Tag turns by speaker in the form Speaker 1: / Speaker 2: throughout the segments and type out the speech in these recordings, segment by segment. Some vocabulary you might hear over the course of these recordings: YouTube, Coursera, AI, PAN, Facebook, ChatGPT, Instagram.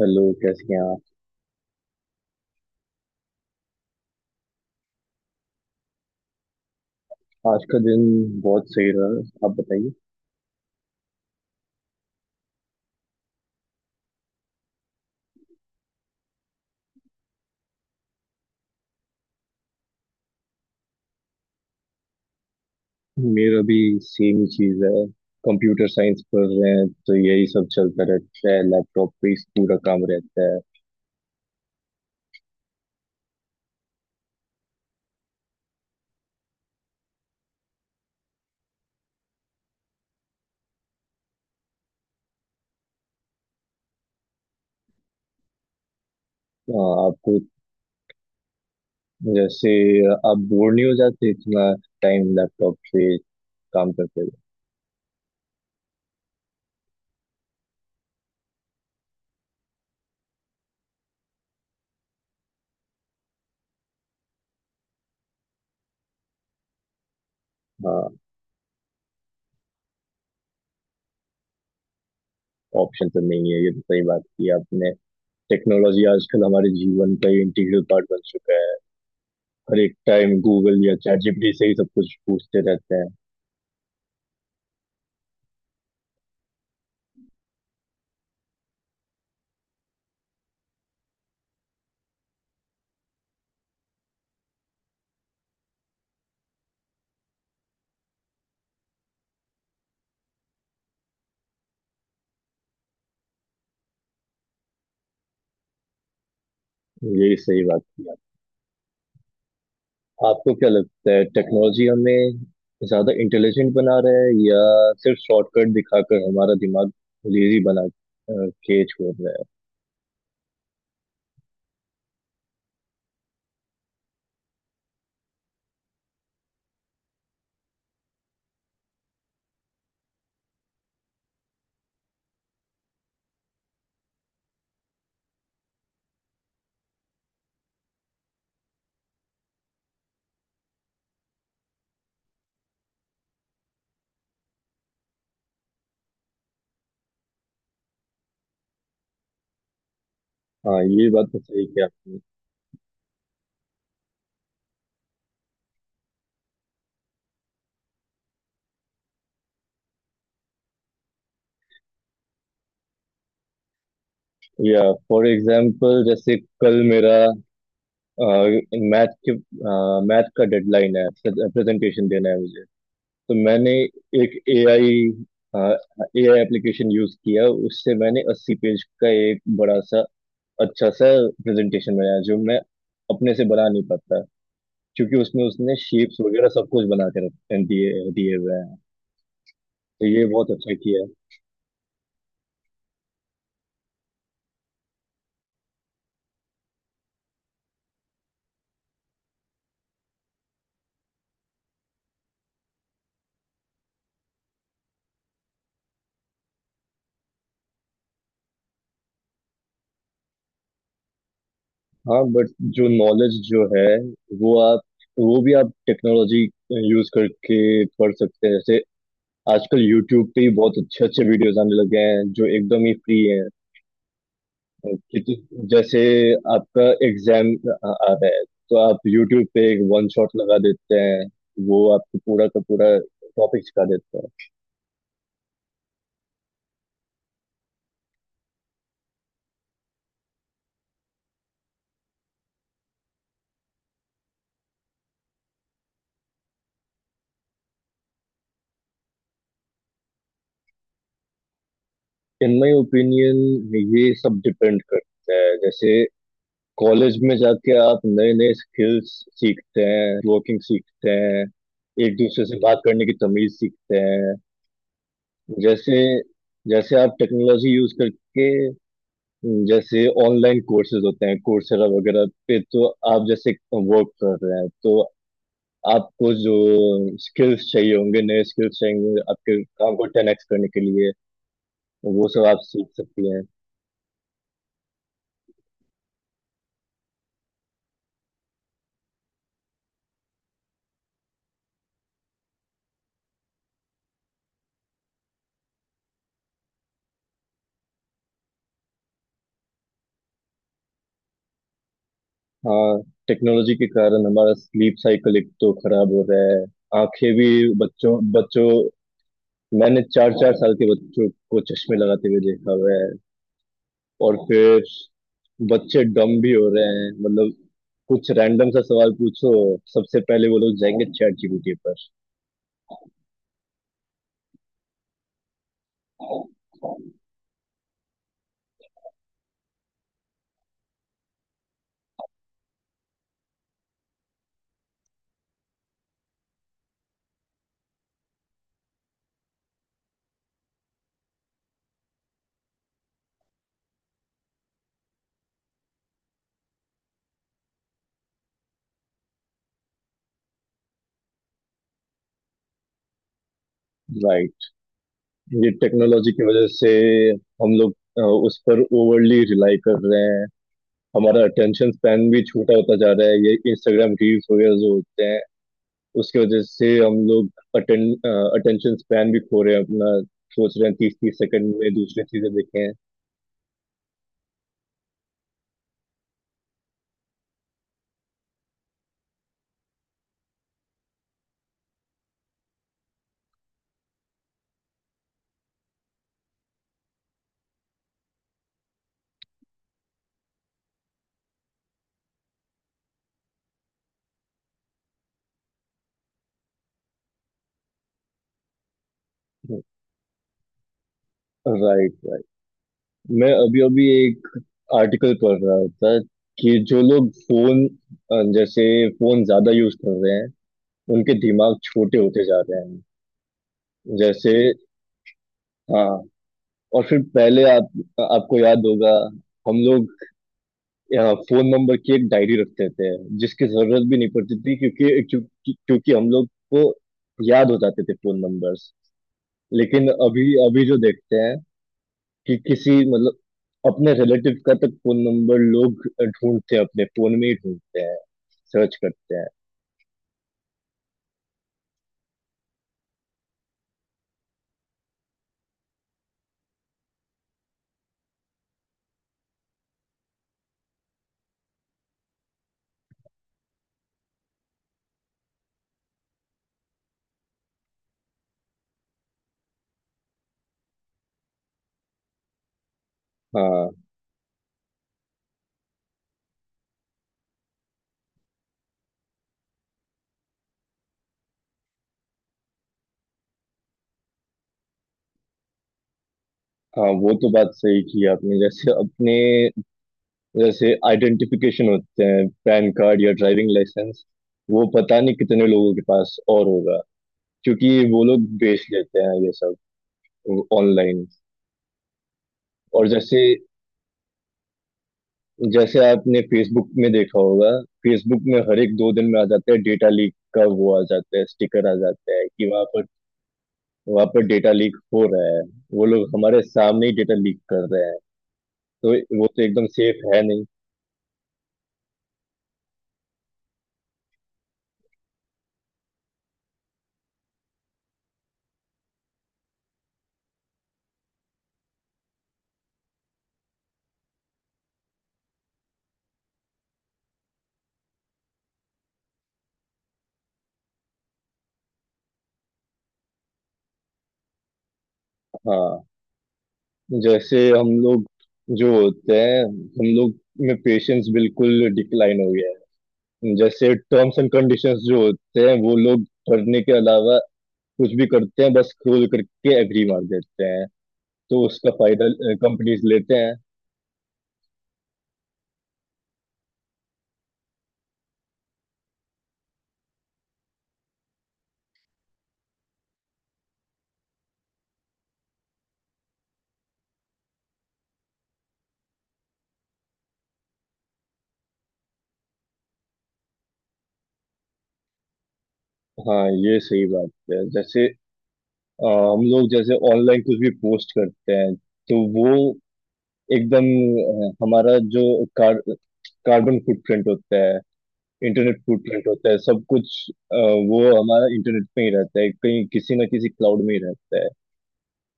Speaker 1: Hello, कैसे हैं आप। आज का दिन बहुत सही रहा, आप बताइए। मेरा भी सेम ही चीज़ है। कंप्यूटर साइंस पढ़ रहे हैं तो यही सब चलता रहता है, लैपटॉप पे ही पूरा काम रहता है। आ, आपको, जैसे, आप बोर नहीं हो जाते इतना टाइम लैपटॉप पे काम करते हुए? हाँ, ऑप्शन तो नहीं है, ये तो सही बात की आपने। टेक्नोलॉजी आजकल हमारे जीवन का इंटीग्रल पार्ट बन चुका है। हर एक टाइम गूगल या चैट जीपीटी से ही सब कुछ पूछते रहते हैं। यही सही बात की। आपको क्या लगता है टेक्नोलॉजी हमें ज्यादा इंटेलिजेंट बना रहा है, या सिर्फ शॉर्टकट दिखाकर हमारा दिमाग लेजी बना के छोड़ रहा है? हाँ, ये बात तो सही है आपने। या, फॉर एग्जाम्पल, जैसे कल मेरा मैथ के मैथ का डेडलाइन है, प्रेजेंटेशन देना है मुझे। तो मैंने एक एआई एआई एप्लीकेशन यूज किया, उससे मैंने 80 पेज का एक बड़ा सा, अच्छा सा प्रेजेंटेशन बनाया जो मैं अपने से बना नहीं पाता, क्योंकि उसमें उसने शेप्स वगैरह सब कुछ बना के रख दिए दिए हुए हैं। तो ये बहुत अच्छा किया है। हाँ बट, जो नॉलेज जो है, वो आप वो भी आप टेक्नोलॉजी यूज करके पढ़ सकते हैं। जैसे आजकल यूट्यूब पे ही बहुत अच्छे अच्छे वीडियोस आने लगे हैं जो एकदम ही फ्री हैं। कि- जैसे आपका एग्जाम आ आ रहा है, तो आप यूट्यूब पे एक वन शॉट लगा देते हैं, वो आपको पूरा का पूरा टॉपिक सिखा देता है। इन माई ओपिनियन, ये सब डिपेंड करता है। जैसे कॉलेज में जाके आप नए नए स्किल्स सीखते हैं, वर्किंग सीखते हैं, एक दूसरे से बात करने की तमीज सीखते हैं। जैसे जैसे आप टेक्नोलॉजी यूज करके, जैसे ऑनलाइन कोर्सेज होते हैं कोर्सेरा वगैरह पे, तो आप जैसे वर्क कर रहे हैं तो आपको जो स्किल्स चाहिए होंगे नए स्किल्स चाहिए होंगे आपके काम को 10x करने के लिए, वो सब आप सीख सकती हैं। हाँ, टेक्नोलॉजी के कारण हमारा स्लीप साइकिल एक तो खराब हो रहा है, आंखें भी, बच्चों बच्चों मैंने 4 4 साल के बच्चों को चश्मे लगाते हुए देखा हुआ है। और फिर बच्चे डम भी हो रहे हैं, मतलब कुछ रैंडम सा सवाल पूछो, सबसे पहले वो लोग जाएंगे चैट जीपीटी पर। राइट। ये टेक्नोलॉजी की वजह से हम लोग अ, उस पर ओवरली रिलाई कर रहे हैं। हमारा अटेंशन स्पैन भी छोटा होता जा रहा है, ये इंस्टाग्राम रील्स वगैरह जो होते हैं, उसकी वजह से हम लोग अटेंड अटेंशन स्पैन भी खो रहे हैं अपना। सोच रहे हैं 30 30 सेकंड में दूसरी चीजें देखें। Right, right. मैं अभी अभी एक आर्टिकल पढ़ रहा था कि जो लोग जैसे फोन ज्यादा यूज कर रहे हैं, उनके दिमाग छोटे होते जा रहे हैं। जैसे, हाँ, और फिर पहले आप आपको याद होगा, हम लोग फोन नंबर की एक डायरी रख देते हैं जिसकी जरूरत भी नहीं पड़ती थी, क्योंकि क्योंकि क्योंकि हम लोग को याद हो जाते थे फोन नंबर्स। लेकिन अभी अभी जो देखते हैं कि किसी, मतलब, अपने रिलेटिव का तक फोन नंबर लोग ढूंढते हैं, अपने फोन में ही ढूंढते हैं, सर्च करते हैं। हाँ, हाँ, वो तो बात सही की आपने। जैसे आइडेंटिफिकेशन होते हैं, पैन कार्ड या ड्राइविंग लाइसेंस, वो पता नहीं कितने लोगों के पास और होगा, क्योंकि वो लोग बेच लेते हैं ये सब ऑनलाइन। और जैसे जैसे आपने फेसबुक में देखा होगा, फेसबुक में हर एक दो दिन में आ जाता है डेटा लीक का, वो आ जाता है स्टिकर, आ जाता है कि वहां पर डेटा लीक हो रहा है। वो लोग हमारे सामने ही डेटा लीक कर रहे हैं, तो वो तो एकदम सेफ है नहीं। हाँ, जैसे हम लोग जो होते हैं हम लोग में पेशेंस बिल्कुल डिक्लाइन हो गया है। जैसे टर्म्स एंड कंडीशंस जो होते हैं, वो लोग पढ़ने के अलावा कुछ भी करते हैं, बस खोल करके एग्री मार देते हैं, तो उसका फायदा कंपनीज लेते हैं। हाँ, ये सही बात है। जैसे हम लोग जैसे ऑनलाइन कुछ भी पोस्ट करते हैं, तो वो एकदम, हमारा जो कार, कार्बन फुटप्रिंट होता है, इंटरनेट फुटप्रिंट होता है, सब कुछ, वो हमारा इंटरनेट पे ही रहता है, कहीं किसी ना किसी क्लाउड में ही रहता है।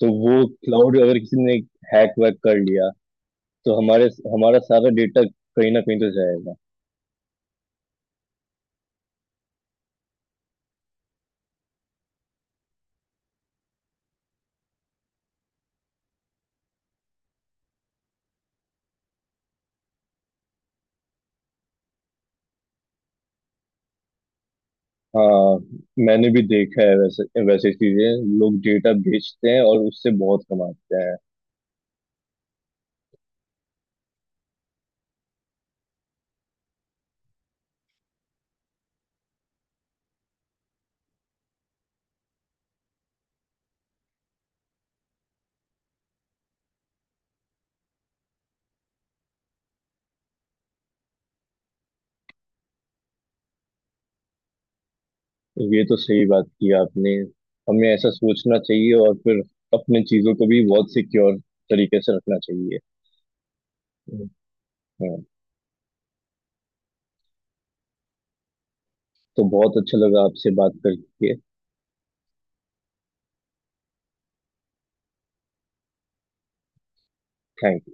Speaker 1: तो वो क्लाउड अगर किसी ने हैक वैक कर लिया, तो हमारे हमारा सारा डेटा कहीं ना कहीं तो जाएगा। हाँ, मैंने भी देखा है, वैसे वैसे चीजें लोग डेटा बेचते हैं और उससे बहुत कमाते हैं। ये तो सही बात की आपने, हमें ऐसा सोचना चाहिए, और फिर अपने चीजों को भी बहुत सिक्योर तरीके से रखना चाहिए। हाँ। तो बहुत अच्छा लगा आपसे बात करके। थैंक